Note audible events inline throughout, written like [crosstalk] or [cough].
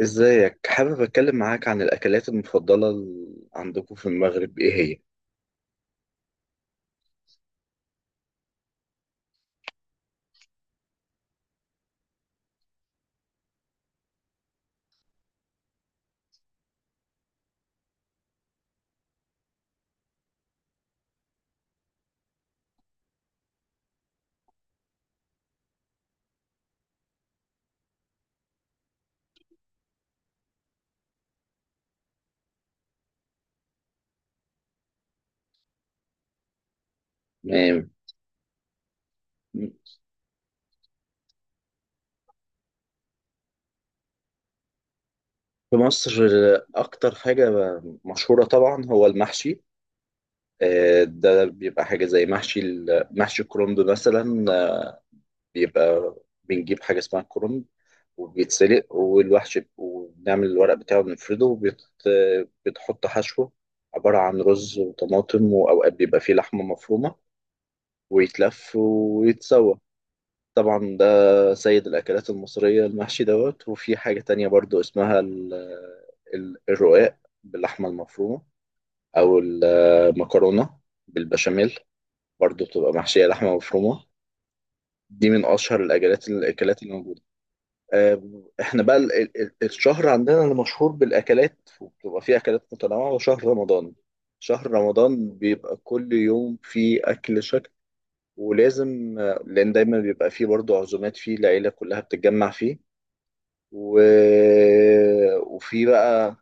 ازيك، حابب اتكلم معاك عن الاكلات المفضله عندكم في المغرب، ايه هي؟ يعني في مصر اكتر حاجه مشهوره طبعا هو المحشي. ده بيبقى حاجه زي محشي محشي الكرنب مثلا. بيبقى بنجيب حاجه اسمها الكرنب وبيتسلق والوحش وبنعمل الورق بتاعه بنفرده وبتحط حشوه عبارة عن رز وطماطم وأوقات بيبقى فيه لحمة مفرومة ويتلف ويتسوى. طبعا ده سيد الأكلات المصرية، المحشي دوت. وفي حاجة تانية برضو اسمها الرقاق باللحمة المفرومة أو المكرونة بالبشاميل، برضو بتبقى محشية لحمة مفرومة. دي من أشهر الأكلات اللي موجودة. آه، إحنا بقى الشهر عندنا اللي مشهور بالأكلات وبتبقى فيه أكلات متنوعة هو شهر رمضان. شهر رمضان بيبقى كل يوم فيه أكل شكل. ولازم لأن دايما بيبقى فيه برضو عزومات فيه العيلة كلها بتتجمع فيه. و... وفي بقى،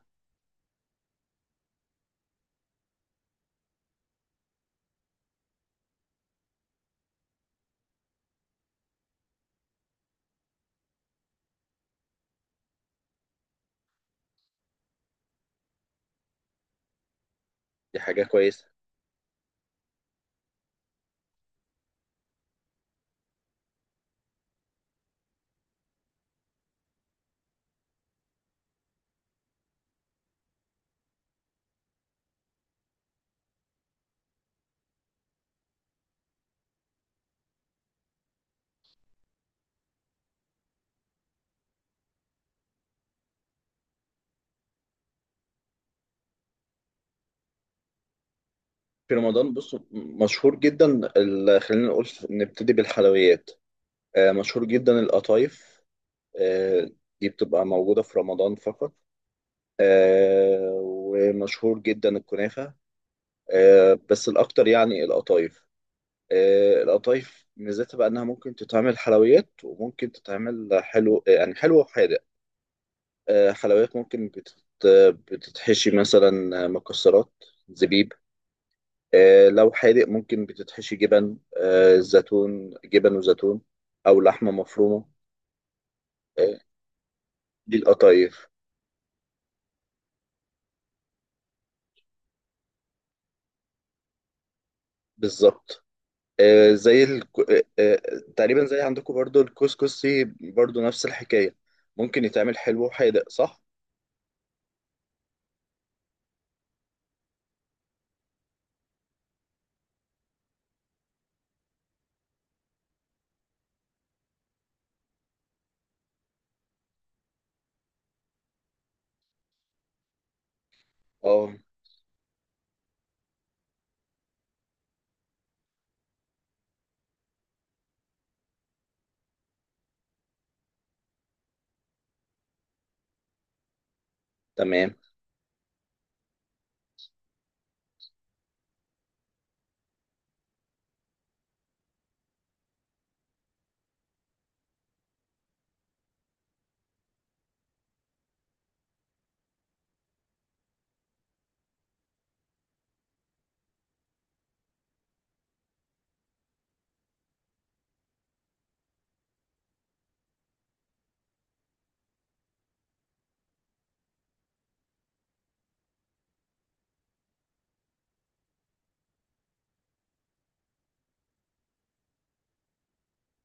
دي حاجة كويسة. في رمضان بص، مشهور جدا خلينا نقول نبتدي بالحلويات. مشهور جدا القطايف. آه، دي بتبقى موجودة في رمضان فقط. ومشهور جدا الكنافة. بس الأكتر يعني القطايف. القطايف ميزتها بقى إنها ممكن تتعمل حلويات وممكن تتعمل حلو، يعني حلو وحادق. حلويات ممكن بتتحشي مثلا مكسرات، زبيب. لو حادق ممكن بتتحشي جبن، زيتون، جبن وزيتون، أو لحمة مفرومة. آه، دي القطايف. بالظبط. زي تقريبا زي عندكم برضو الكسكسي، برضو نفس الحكاية. ممكن يتعمل حلو وحادق، صح؟ اه، تمام.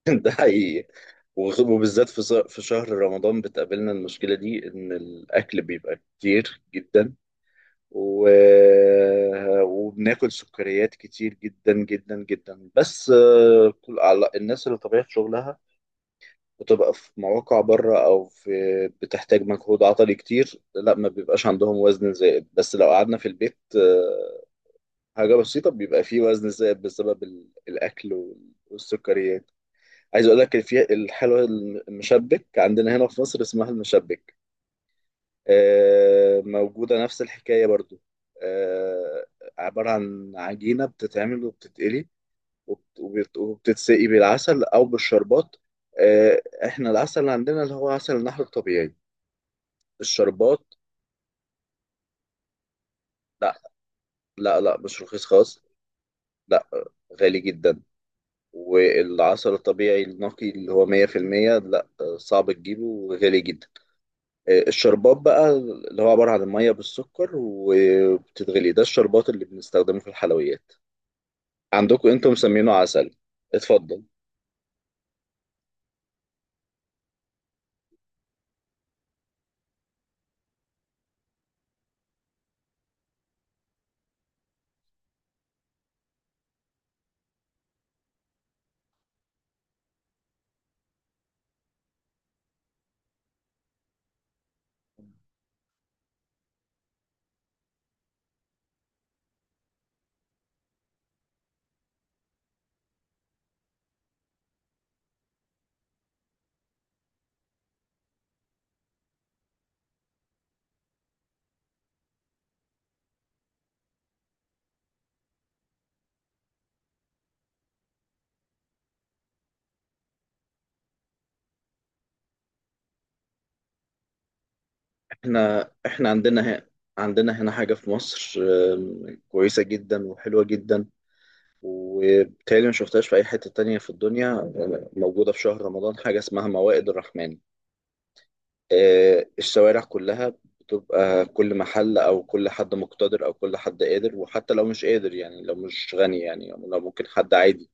[laughs] ده حقيقي. وبالذات في شهر رمضان بتقابلنا المشكلة دي، إن الأكل بيبقى كتير جدا. و... وبناكل سكريات كتير جدا جدا جدا. بس الناس اللي طبيعة شغلها بتبقى في مواقع بره او في بتحتاج مجهود عضلي كتير، لا، ما بيبقاش عندهم وزن زائد. بس لو قعدنا في البيت حاجة بسيطة، بيبقى فيه وزن زائد بسبب الاكل والسكريات. عايز اقول لك في الحلوى المشبك، عندنا هنا في مصر اسمها المشبك. موجودة نفس الحكاية برضو. آه، عبارة عن عجينة بتتعمل وبتتقلي وبتتسقي بالعسل أو بالشربات. إحنا العسل اللي عندنا اللي هو عسل النحل الطبيعي، الشربات. لا، لا، لا، مش رخيص خالص. لا، غالي جدا. والعسل الطبيعي النقي اللي هو 100% لا، صعب تجيبه وغالي جدا. الشربات بقى، اللي هو عبارة عن المية بالسكر وبتتغلي، ده الشربات اللي بنستخدمه في الحلويات. عندكم انتم مسمينه عسل. اتفضل. احنا عندنا هنا حاجة في مصر، كويسة جدا وحلوة جدا، وبالتالي ما شفتهاش في أي حتة تانية في الدنيا. موجودة في شهر رمضان، حاجة اسمها موائد الرحمن. الشوارع كلها بتبقى كل محل أو كل حد مقتدر أو كل حد قادر، وحتى لو مش قادر، يعني لو مش غني، يعني لو ممكن حد عادي.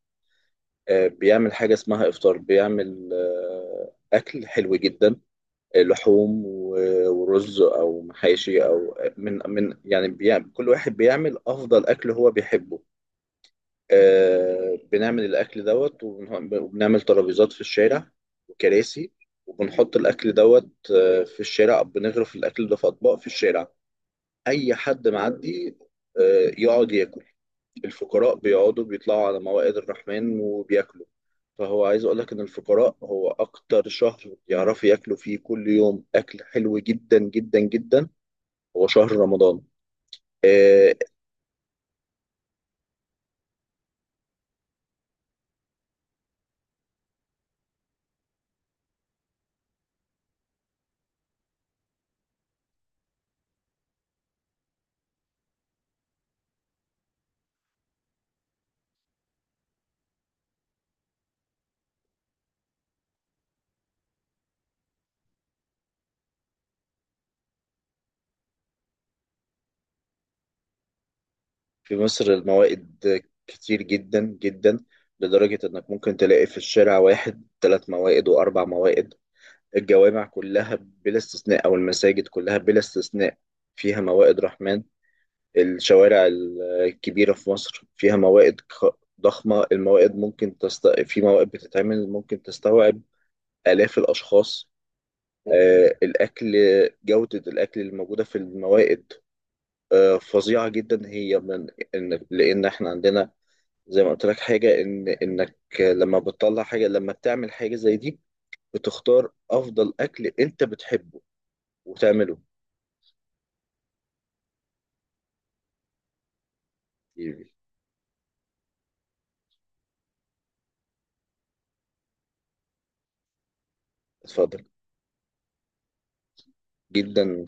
بيعمل حاجة اسمها إفطار، بيعمل أكل حلو جدا. لحوم ورز او محاشي او من يعني بيعمل، كل واحد بيعمل افضل اكل هو بيحبه. بنعمل الاكل دوت، وبنعمل ترابيزات في الشارع وكراسي، وبنحط الاكل دوت في الشارع، بنغرف الاكل ده في اطباق في الشارع. اي حد معدي يقعد ياكل. الفقراء بيقعدوا بيطلعوا على موائد الرحمن وبياكلوا. فهو عايز اقول لك ان الفقراء، هو اكتر شهر يعرفوا ياكلوا فيه كل يوم اكل حلو جدا جدا جدا هو شهر رمضان. آه، في مصر الموائد كتير جدا جدا، لدرجة انك ممكن تلاقي في الشارع واحد ثلاث موائد واربع موائد. الجوامع كلها بلا استثناء او المساجد كلها بلا استثناء فيها موائد رحمن. الشوارع الكبيرة في مصر فيها موائد ضخمة. الموائد ممكن في موائد بتتعمل ممكن تستوعب آلاف الأشخاص. الأكل، جودة الأكل اللي موجودة في الموائد فظيعة جدا، هي من لأن إحنا عندنا، زي ما قلت لك، حاجة، إنك لما بتطلع حاجة، لما بتعمل حاجة زي دي، بتختار أفضل أكل أنت بتحبه وتعمله. اتفضل. جدا.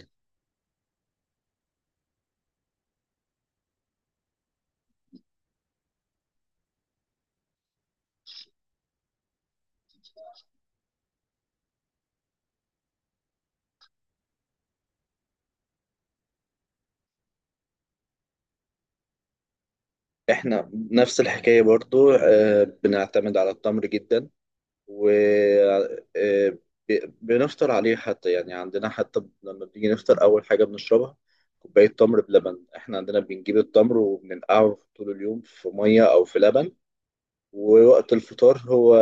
احنا نفس الحكاية برضو. بنعتمد على التمر جدا و آه، بنفطر عليه، حتى يعني عندنا، حتى لما بنيجي نفطر أول حاجة بنشربها كوباية تمر بلبن. احنا عندنا بنجيب التمر وبننقعه طول اليوم في مية أو في لبن، ووقت الفطار هو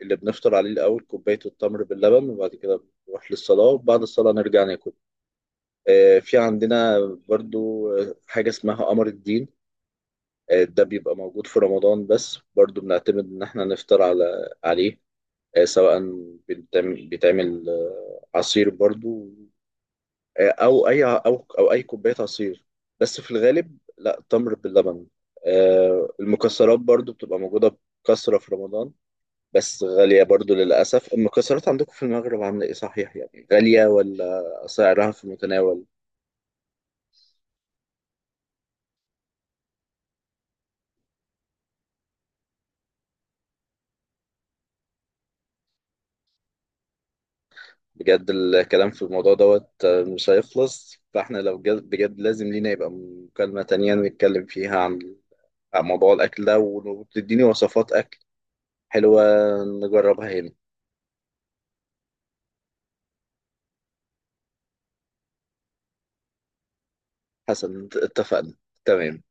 اللي بنفطر عليه الأول كوباية التمر باللبن، وبعد كده بنروح للصلاة، وبعد الصلاة نرجع ناكل. في عندنا برضو حاجة اسمها قمر الدين. ده بيبقى موجود في رمضان بس، برضو بنعتمد إن إحنا نفطر عليه. سواء بيتعمل بيتعمل، عصير برضو، أو أي كوباية عصير، بس في الغالب، لا، تمر باللبن. المكسرات برضو بتبقى موجودة بكثرة في رمضان، بس غالية برضو للأسف. المكسرات عندكم في المغرب عاملة إيه؟ صحيح يعني، غالية ولا سعرها في المتناول؟ بجد الكلام في الموضوع دوت مش هيخلص، فاحنا لو جد بجد لازم لينا يبقى مكالمة تانية نتكلم فيها عن موضوع الأكل ده، وتديني وصفات أكل حلوة نجربها هنا. حسن، اتفقنا. تمام.